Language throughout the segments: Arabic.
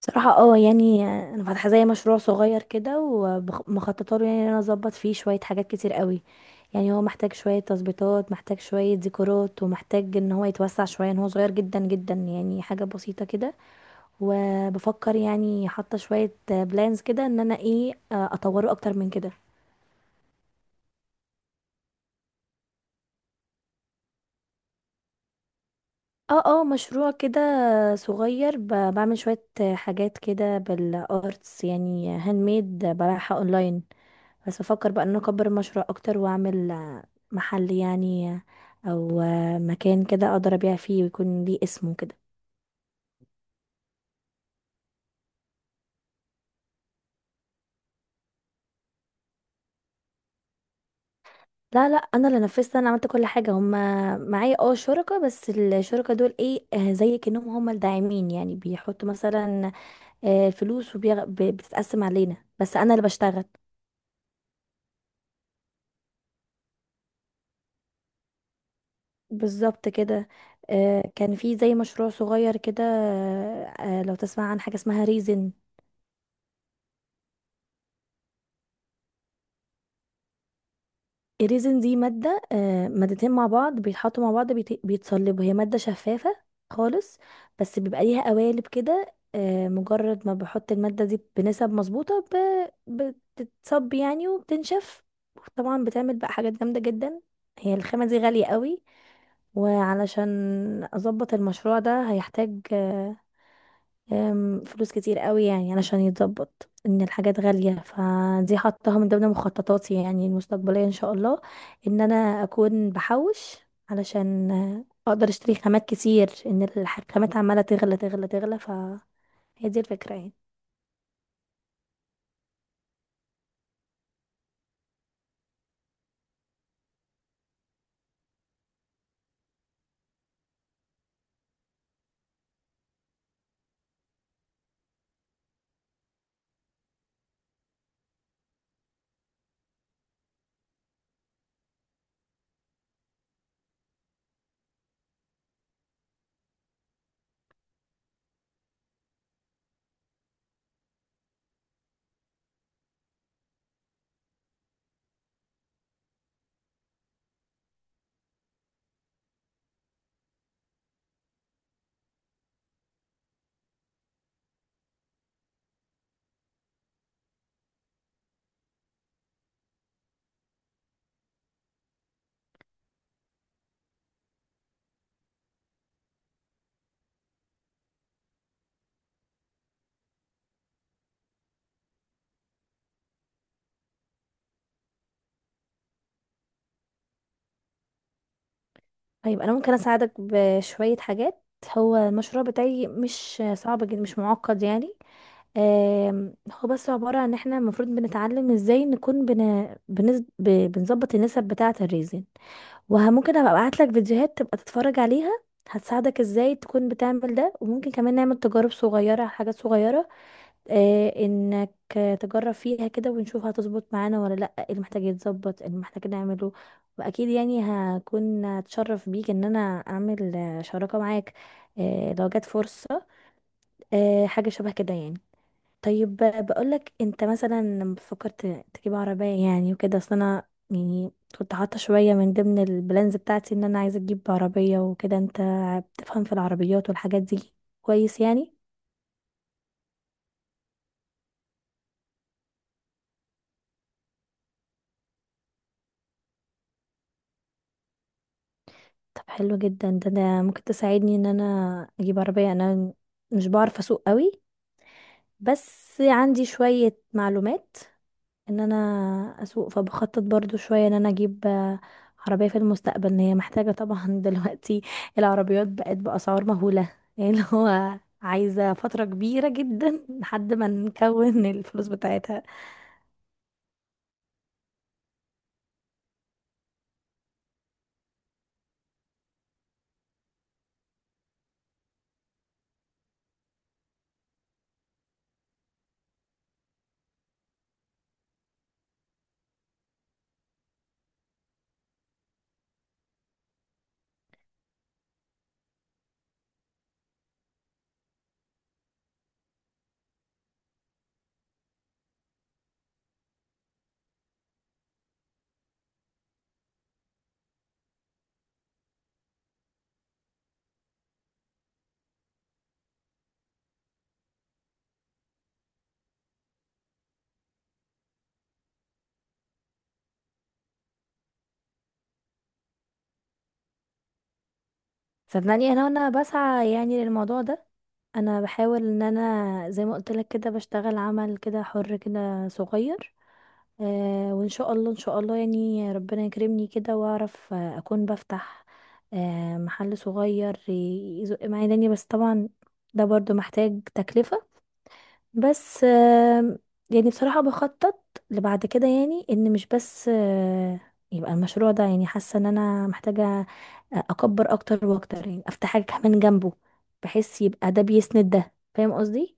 صراحة يعني انا فاتحة زي مشروع صغير كده ومخططه له، يعني ان انا اظبط فيه شوية حاجات كتير قوي. يعني هو محتاج شوية تظبيطات، محتاج شوية ديكورات، ومحتاج ان هو يتوسع شوية، ان هو صغير جدا جدا، يعني حاجة بسيطة كده. وبفكر يعني حاطة شوية بلانز كده ان انا ايه، اطوره اكتر من كده. اه اه، مشروع كده صغير، بعمل شوية حاجات كده بالارتس، يعني هاند ميد، ببيعها اونلاين. بس بفكر بقى ان أنا اكبر المشروع اكتر واعمل محل، يعني، او مكان كده اقدر ابيع فيه ويكون ليه اسمه كده. لا لا، انا اللي نفذت، انا عملت كل حاجه. هما معايا اه شركاء، بس الشركاء دول ايه، زي كأنهم هما الداعمين، يعني بيحطوا مثلا فلوس وبتتقسم علينا، بس انا اللي بشتغل. بالظبط كده. كان في زي مشروع صغير كده. لو تسمع عن حاجه اسمها ريزن. الريزن دي مادة، مادتين مع بعض بيتحطوا مع بعض، بيتصلبوا. هي مادة شفافة خالص، بس بيبقى ليها قوالب كده. مجرد ما بحط المادة دي بنسب مظبوطة بتتصب يعني وبتنشف. طبعا بتعمل بقى حاجات جامدة جدا. هي الخامة دي غالية قوي. وعلشان أظبط المشروع ده هيحتاج آه، أم، فلوس كتير قوي، يعني علشان يتظبط ان الحاجات غالية. فدي حطها من ضمن مخططاتي يعني المستقبلية ان شاء الله، ان انا اكون بحوش علشان اقدر اشتري خامات كتير، ان الخامات عمالة تغلى تغلى تغلى. فهي دي الفكرة يعني. طيب انا ممكن اساعدك بشوية حاجات. هو المشروع بتاعي مش صعب جدا، مش معقد يعني. هو بس عبارة عن ان احنا المفروض بنتعلم ازاي نكون بنظبط النسب بتاعة الريزن. وممكن ابقى ابعت لك فيديوهات تبقى تتفرج عليها، هتساعدك ازاي تكون بتعمل ده. وممكن كمان نعمل تجارب صغيرة، حاجات صغيرة، انك تجرب فيها كده، ونشوف هتظبط معانا ولا لا، ايه اللي محتاج يتظبط، ايه اللي محتاج نعمله. واكيد يعني هكون اتشرف بيك ان انا اعمل شراكة معاك لو جت فرصة، حاجة شبه كده يعني. طيب بقول لك، انت مثلا لما فكرت تجيب عربية يعني وكده، اصل انا يعني كنت حاطة شوية من ضمن البلانز بتاعتي ان انا عايزة اجيب عربية وكده. انت بتفهم في العربيات والحاجات دي كويس يعني. طب حلو جدا ده ممكن تساعدني ان انا اجيب عربية. انا مش بعرف اسوق قوي، بس عندي شوية معلومات ان انا اسوق. فبخطط برضو شوية ان انا اجيب عربية في المستقبل، ان هي محتاجة طبعا دلوقتي. العربيات بقت بأسعار مهولة، يعني اللي هو عايزة فترة كبيرة جدا لحد ما نكون الفلوس بتاعتها. صدقني، انا وانا بسعى يعني للموضوع ده، انا بحاول ان انا زي ما قلت لك كده بشتغل عمل كده حر، كده صغير. وان شاء الله ان شاء الله يعني ربنا يكرمني كده واعرف اكون بفتح محل صغير يزق معايا دنيا. بس طبعا ده برضو محتاج تكلفة. بس يعني بصراحة بخطط لبعد كده يعني، ان مش بس يبقى المشروع ده، يعني حاسة ان انا محتاجة اكبر اكتر واكتر، يعني افتح حاجة كمان جنبه بحيث يبقى ده بيسند ده. فاهم قصدي؟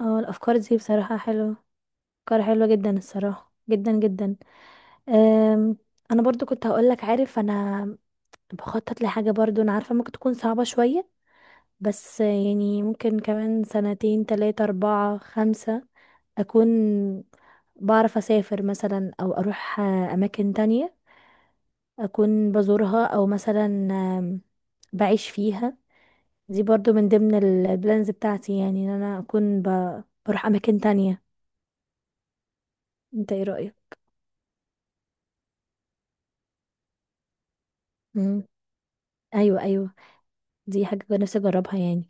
اه، الافكار دي بصراحة حلوة، افكار حلوة جدا الصراحة، جدا جدا. آم، انا برضو كنت هقولك، عارف، انا بخطط لحاجة، برضو انا عارفة ممكن تكون صعبة شوية، بس يعني ممكن كمان سنتين تلاتة اربعة خمسة اكون بعرف اسافر مثلا، او اروح اماكن تانية اكون بزورها، او مثلا آم، بعيش فيها. دي برضو من ضمن البلانز بتاعتي، يعني ان انا اكون بروح اماكن تانية. انت ايه رأيك؟ مم. ايوه ايوه، دي حاجة نفسي اجربها يعني.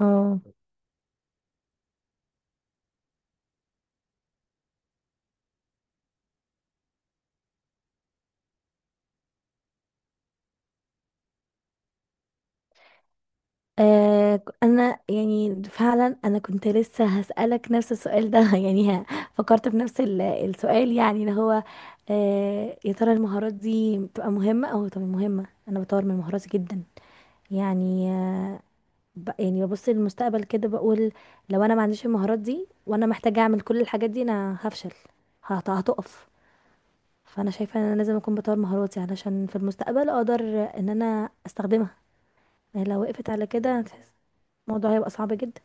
اه. انا يعني فعلا انا كنت لسه هسألك نفس السؤال ده يعني، فكرت بنفس السؤال، يعني اللي هو يا ترى المهارات دي بتبقى مهمة؟ او طب، مهمة. انا بطور من مهاراتي جدا، يعني يعني ببص للمستقبل كده بقول، لو انا ما عنديش المهارات دي وانا محتاجة اعمل كل الحاجات دي انا هفشل، هتقف. فانا شايفة ان انا لازم اكون بطور مهاراتي علشان في المستقبل اقدر ان انا استخدمها، يعني لو وقفت على كده الموضوع هيبقى صعب جدا.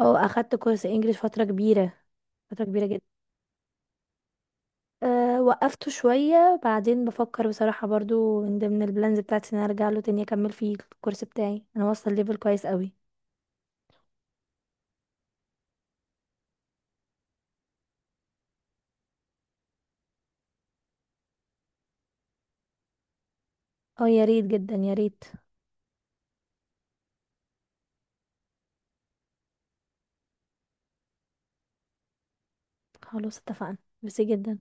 اه، اخدت كورس انجليش فترة كبيرة، فترة كبيرة جدا. أه، وقفته شوية بعدين بفكر بصراحة، برضو من ضمن البلانز بتاعتي ان انا ارجع له تاني اكمل فيه. الكورس بتاعي انا واصلة ليفل كويس قوي. اه يا ريت، جدا يا ريت. خلاص اتفقنا. ميرسي جدا.